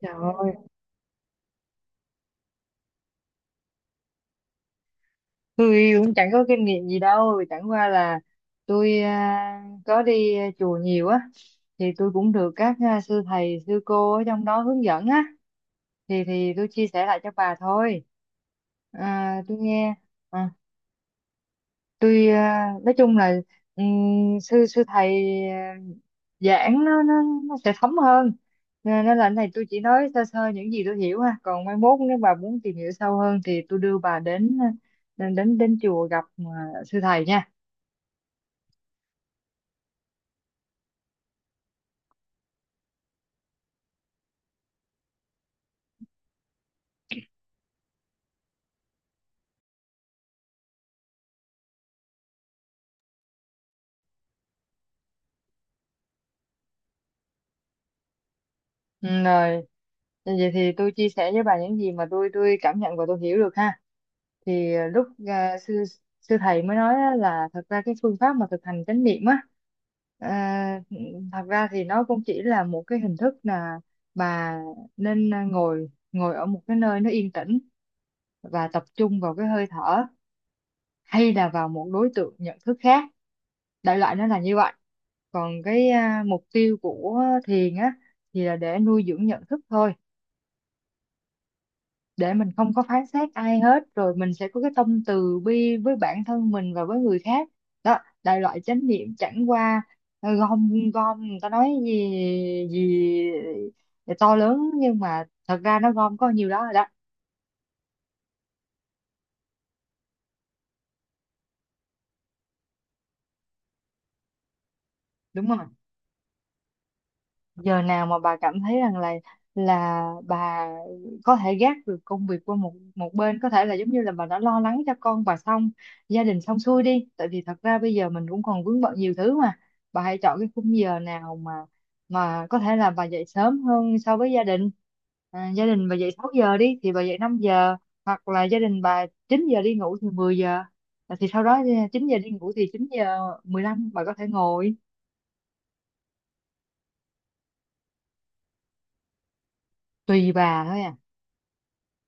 Trời ơi, tôi cũng chẳng có kinh nghiệm gì đâu, chẳng qua là tôi có đi chùa nhiều á, thì tôi cũng được các sư thầy, sư cô ở trong đó hướng dẫn á, thì tôi chia sẻ lại cho bà thôi. À, tôi nghe, à, tôi à, nói chung là sư sư thầy à, giảng nó nó sẽ thấm hơn nên nên là cái này tôi chỉ nói sơ sơ những gì tôi hiểu ha, còn mai mốt nếu bà muốn tìm hiểu sâu hơn thì tôi đưa bà đến à, đến đến chùa gặp sư thầy nha. Ừ, rồi vậy thì tôi chia sẻ với bà những gì mà tôi cảm nhận và tôi hiểu được ha. Thì à, lúc à, sư sư thầy mới nói á là thật ra cái phương pháp mà thực hành chánh niệm á, à, thật ra thì nó cũng chỉ là một cái hình thức là bà nên ngồi ngồi ở một cái nơi nó yên tĩnh và tập trung vào cái hơi thở, hay là vào một đối tượng nhận thức khác, đại loại nó là như vậy. Còn cái mục tiêu của thiền á thì là để nuôi dưỡng nhận thức thôi, để mình không có phán xét ai hết, rồi mình sẽ có cái tâm từ bi với bản thân mình và với người khác. Đó, đại loại chánh niệm chẳng qua gom gom người ta nói gì gì to lớn, nhưng mà thật ra nó gom có nhiều đó rồi đó, đúng không? Giờ nào mà bà cảm thấy rằng là bà có thể gác được công việc qua một một bên, có thể là giống như là bà đã lo lắng cho con bà xong, gia đình xong xuôi đi, tại vì thật ra bây giờ mình cũng còn vướng bận nhiều thứ mà. Bà hãy chọn cái khung giờ nào mà có thể là bà dậy sớm hơn so với gia đình. À, gia đình bà dậy 6 giờ đi thì bà dậy 5 giờ, hoặc là gia đình bà 9 giờ đi ngủ thì 10 giờ. À, thì sau đó 9 giờ đi ngủ thì 9 giờ 15 bà có thể ngồi. Tùy bà thôi à,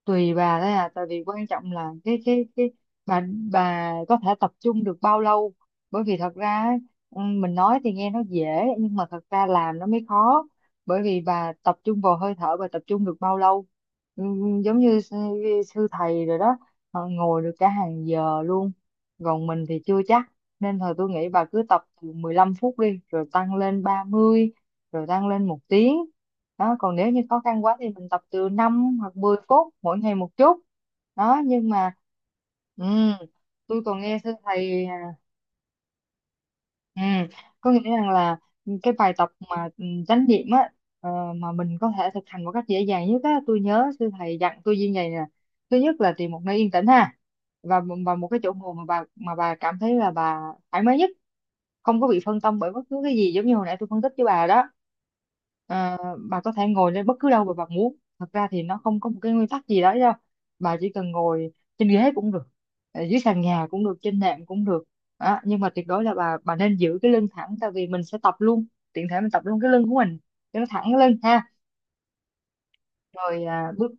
tùy bà đấy à, tại vì quan trọng là cái bà bà có thể tập trung được bao lâu. Bởi vì thật ra ấy, ừ, mình nói thì nghe nó dễ nhưng mà thật ra làm nó mới khó, bởi vì bà tập trung vào hơi thở, bà tập trung được bao lâu. Ừ, giống như sư, sư thầy rồi đó, họ ngồi được cả hàng giờ luôn, còn mình thì chưa chắc. Nên thôi tôi nghĩ bà cứ tập từ 15 phút đi, rồi tăng lên 30, rồi tăng lên một tiếng. Đó, còn nếu như khó khăn quá thì mình tập từ 5 hoặc 10 phút mỗi ngày một chút. Đó, nhưng mà ừm, tôi còn nghe thưa thầy à, ừm, có nghĩa rằng là cái bài tập mà chánh niệm á, ờ, mà mình có thể thực hành một cách dễ dàng nhất á, tôi nhớ sư thầy dặn tôi như vậy nè. Thứ nhất là tìm một nơi yên tĩnh ha, và một cái chỗ ngồi mà bà cảm thấy là bà thoải mái nhất, không có bị phân tâm bởi bất cứ cái gì, giống như hồi nãy tôi phân tích với bà đó. Ờ, bà có thể ngồi lên bất cứ đâu mà bà muốn, thật ra thì nó không có một cái nguyên tắc gì đó đâu. Bà chỉ cần ngồi trên ghế cũng được, dưới sàn nhà cũng được, trên nệm cũng được. Đó, nhưng mà tuyệt đối là bà nên giữ cái lưng thẳng, tại vì mình sẽ tập luôn, tiện thể mình tập luôn cái lưng của mình, cho nó thẳng cái lưng ha. Rồi à, bước.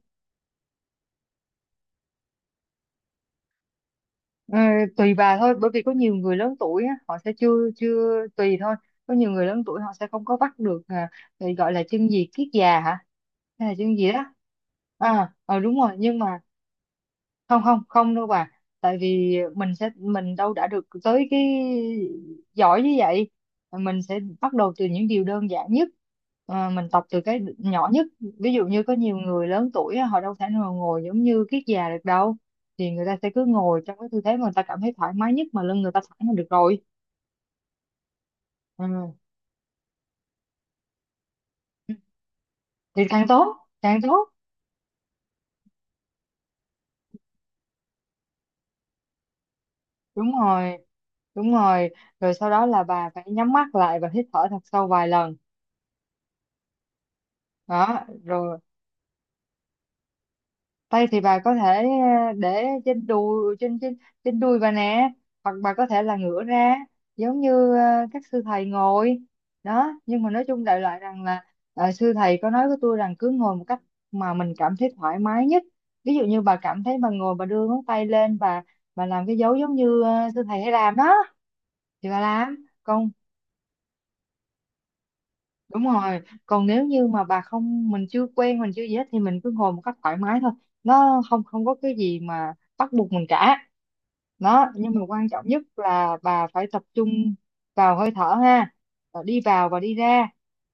Ờ, tùy bà thôi, bởi vì có nhiều người lớn tuổi á, họ sẽ chưa chưa tùy thôi, có nhiều người lớn tuổi họ sẽ không có bắt được thì gọi là chân gì kiết già hả, hay là chân gì đó. À ờ, đúng rồi, nhưng mà không không không đâu bà, tại vì mình sẽ mình đâu đã được tới cái giỏi như vậy, mình sẽ bắt đầu từ những điều đơn giản nhất. Ờ, mình tập từ cái nhỏ nhất. Ví dụ như có nhiều người lớn tuổi á, họ đâu thể nào ngồi giống như kiết già được đâu, thì người ta sẽ cứ ngồi trong cái tư thế mà người ta cảm thấy thoải mái nhất, mà lưng người ta thẳng là được rồi. Ừ, thì càng tốt càng tốt. Đúng rồi, đúng rồi, rồi sau đó là bà phải nhắm mắt lại và hít thở thật sâu vài lần. Đó rồi, tay thì bà có thể ờ, để trên đùi, trên trên trên đùi bà nè, hoặc bà có thể là ngửa ra giống như ờ, các sư thầy ngồi đó. Nhưng mà nói chung đại loại rằng là ờ, sư thầy có nói với tôi rằng cứ ngồi một cách mà mình cảm thấy thoải mái nhất. Ví dụ như bà cảm thấy bà ngồi, bà đưa ngón tay lên, bà làm cái dấu giống như ờ, sư thầy hay làm đó thì bà làm. Còn đúng rồi, còn nếu như mà bà không mình chưa quen mình chưa gì hết thì mình cứ ngồi một cách thoải mái thôi, nó không không có cái gì mà bắt buộc mình cả. Đó, nhưng mà quan trọng nhất là bà phải tập trung vào hơi thở ha. Ờ, đi vào và đi ra.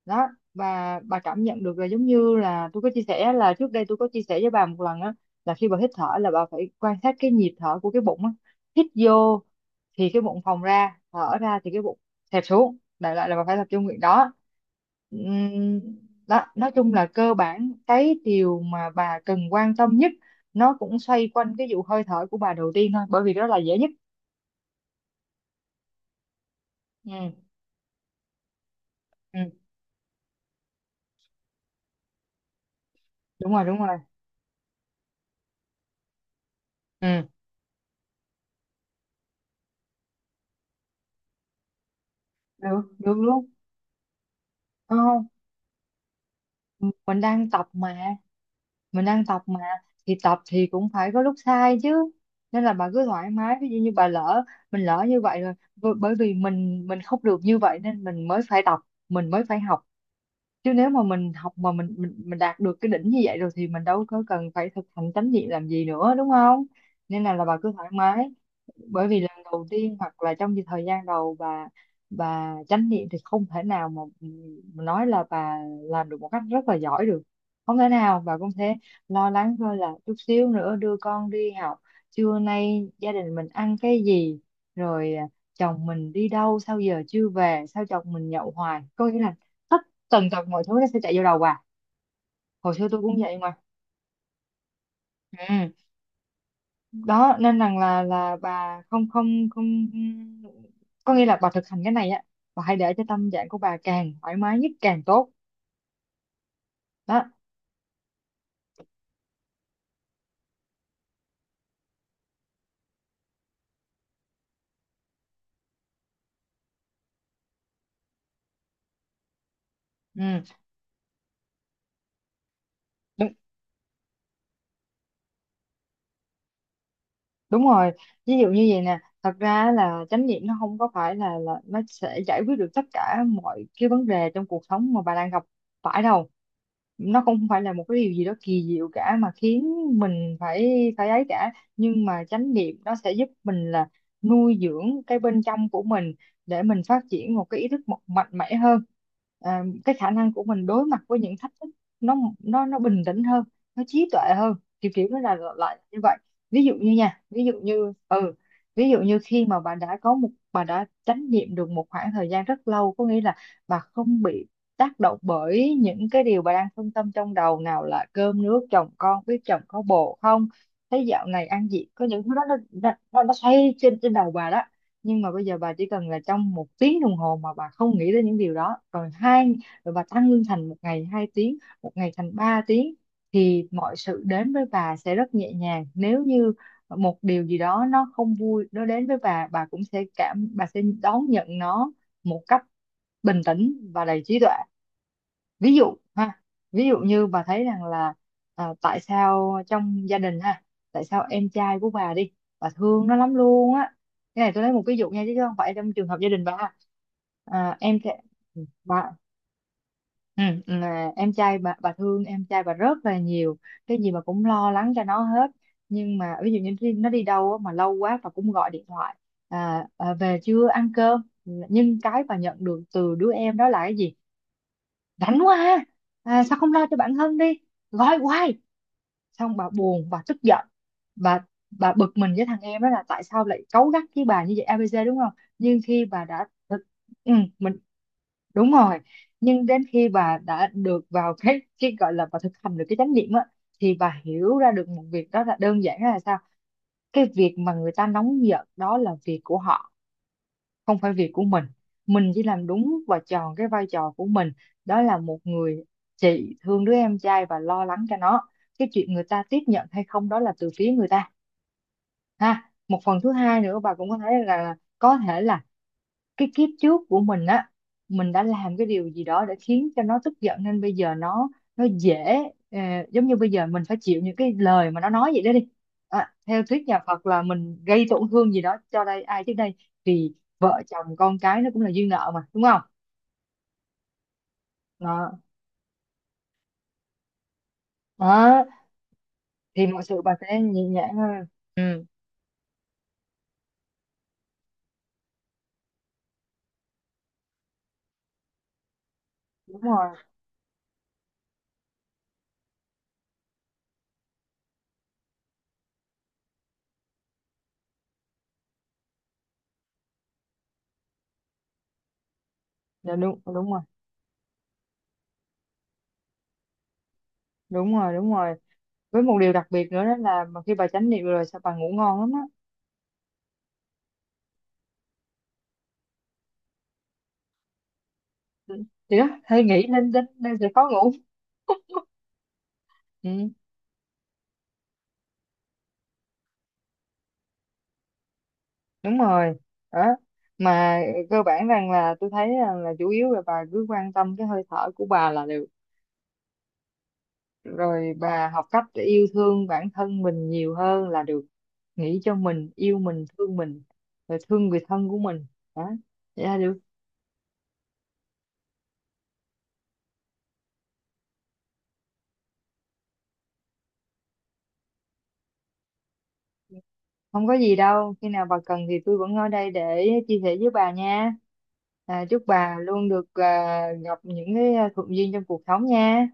Đó, và bà cảm nhận được là giống như là tôi có chia sẻ là trước đây tôi có chia sẻ với bà một lần á, là khi bà hít thở là bà phải quan sát cái nhịp thở của cái bụng á, hít vô thì cái bụng phồng ra, thở ra thì cái bụng xẹp xuống, đại loại là bà phải tập trung việc đó. Ừm, Đó, nói chung là cơ bản cái điều mà bà cần quan tâm nhất nó cũng xoay quanh cái vụ hơi thở của bà đầu tiên thôi, bởi vì đó là dễ nhất. Ừ, ừ, đúng rồi, đúng rồi, ừ, được được luôn, không, mình đang tập mà, mình đang tập mà. Thì tập thì cũng phải có lúc sai chứ, nên là bà cứ thoải mái. Ví dụ như bà lỡ, mình lỡ như vậy rồi, bởi vì mình không được như vậy nên mình mới phải tập, mình mới phải học. Chứ nếu mà mình học mà mình đạt được cái đỉnh như vậy rồi thì mình đâu có cần phải thực hành chánh niệm làm gì nữa, đúng không? Nên là bà cứ thoải mái, bởi vì lần đầu tiên hoặc là trong cái thời gian đầu bà chánh niệm thì không thể nào mà nói là bà làm được một cách rất là giỏi được, không thể nào. Bà cũng thế, lo lắng thôi là chút xíu nữa đưa con đi học, trưa nay gia đình mình ăn cái gì, rồi à, chồng mình đi đâu sao giờ chưa về, sao chồng mình nhậu hoài, có nghĩa là tất tần tật mọi thứ nó sẽ chạy vô đầu à. Hồi xưa tôi cũng vậy mà. Ừ, đó nên rằng là bà không không không có nghĩa là bà thực hành cái này á, bà hãy để cho tâm trạng của bà càng thoải mái nhất càng tốt. Đó, ừ. đúng đúng rồi Ví dụ như vậy nè, thật ra là chánh niệm nó không phải là nó sẽ giải quyết được tất cả mọi cái vấn đề trong cuộc sống mà bà đang gặp phải đâu. Nó cũng không phải là một cái điều gì đó kỳ diệu cả mà khiến mình phải, phải ấy cả. Nhưng mà chánh niệm nó sẽ giúp mình là nuôi dưỡng cái bên trong của mình, để mình phát triển một cái ý thức một mạnh mẽ hơn, cái khả năng của mình đối mặt với những thách thức, nó bình tĩnh hơn, nó trí tuệ hơn. Kiểu kiểu nó là lại như vậy. Ví dụ như nha, ví dụ như ừ, ví dụ như khi mà bà đã có một bà đã chánh niệm được một khoảng thời gian rất lâu, có nghĩa là bà không bị tác động bởi những cái điều bà đang phân tâm trong đầu, nào là cơm nước chồng con, biết chồng có bồ không, thấy dạo này ăn gì, có những thứ đó nó xoay trên trên đầu bà đó. Nhưng mà bây giờ bà chỉ cần là trong một tiếng đồng hồ mà bà không nghĩ đến những điều đó, rồi hai, rồi bà tăng lương thành một ngày hai tiếng, một ngày thành ba tiếng, thì mọi sự đến với bà sẽ rất nhẹ nhàng. Nếu như một điều gì đó nó không vui nó đến với bà cũng sẽ cảm, bà sẽ đón nhận nó một cách bình tĩnh và đầy trí tuệ. Ví dụ ha, ví dụ như bà thấy rằng là, à, tại sao trong gia đình ha, tại sao em trai của bà đi, bà thương nó lắm luôn á. Cái này tôi lấy một ví dụ nha, chứ không phải trong trường hợp gia đình bà ha. Em trai, bà ừ, là em trai bà thương em trai bà rất là nhiều, cái gì bà cũng lo lắng cho nó hết. Nhưng mà ví dụ như nó đi đâu á mà lâu quá, bà cũng gọi điện thoại, à, à, về chưa, ăn cơm, nhưng cái bà nhận được từ đứa em đó là cái gì? Rảnh quá ha, à, sao không lo cho bạn Hân đi, gọi hoài. Xong bà buồn, bà tức giận, bà bà bực mình với thằng em đó là tại sao lại cáu gắt với bà như vậy, ABC, đúng không? Nhưng khi bà đã ừ, mình, đúng rồi. Nhưng đến khi bà đã được vào cái gọi là bà thực hành được cái chánh niệm á, thì bà hiểu ra được một việc đó là, đơn giản là sao, cái việc mà người ta nóng giận đó là việc của họ, không phải việc của mình. Mình chỉ làm đúng và tròn cái vai trò của mình, đó là một người chị thương đứa em trai và lo lắng cho nó. Cái chuyện người ta tiếp nhận hay không đó là từ phía người ta ha. Một phần thứ hai nữa, bà cũng có thể là cái kiếp trước của mình á, mình đã làm cái điều gì đó để khiến cho nó tức giận, nên bây giờ nó dễ, ờ, giống như bây giờ mình phải chịu những cái lời mà nó nói vậy đó đi. Theo thuyết nhà Phật là mình gây tổn thương gì đó cho đây ai trước đây, thì vợ chồng con cái nó cũng là duyên nợ mà, đúng không? Đó, đó. Thì mọi sự bà sẽ nhẹ nhàng hơn. Ừ, đúng rồi. Dạ, đúng đúng rồi đúng rồi đúng rồi Với một điều đặc biệt nữa đó là mà khi bà chánh niệm rồi sao bà ngủ ngon lắm á. Ừ. Thì đó, hay nghĩ lên đến nên sẽ khó ngủ. Ừ, đúng rồi. Đó mà, cơ bản rằng là tôi thấy là chủ yếu là bà cứ quan tâm cái hơi thở của bà là được, rồi bà học cách để yêu thương bản thân mình nhiều hơn là được, nghĩ cho mình, yêu mình, thương mình, rồi thương người thân của mình. Đó, vậy là được. Không có gì đâu, khi nào bà cần thì tôi vẫn ở đây để chia sẻ với bà nha. Chúc bà luôn được gặp những cái thuận duyên trong cuộc sống nha.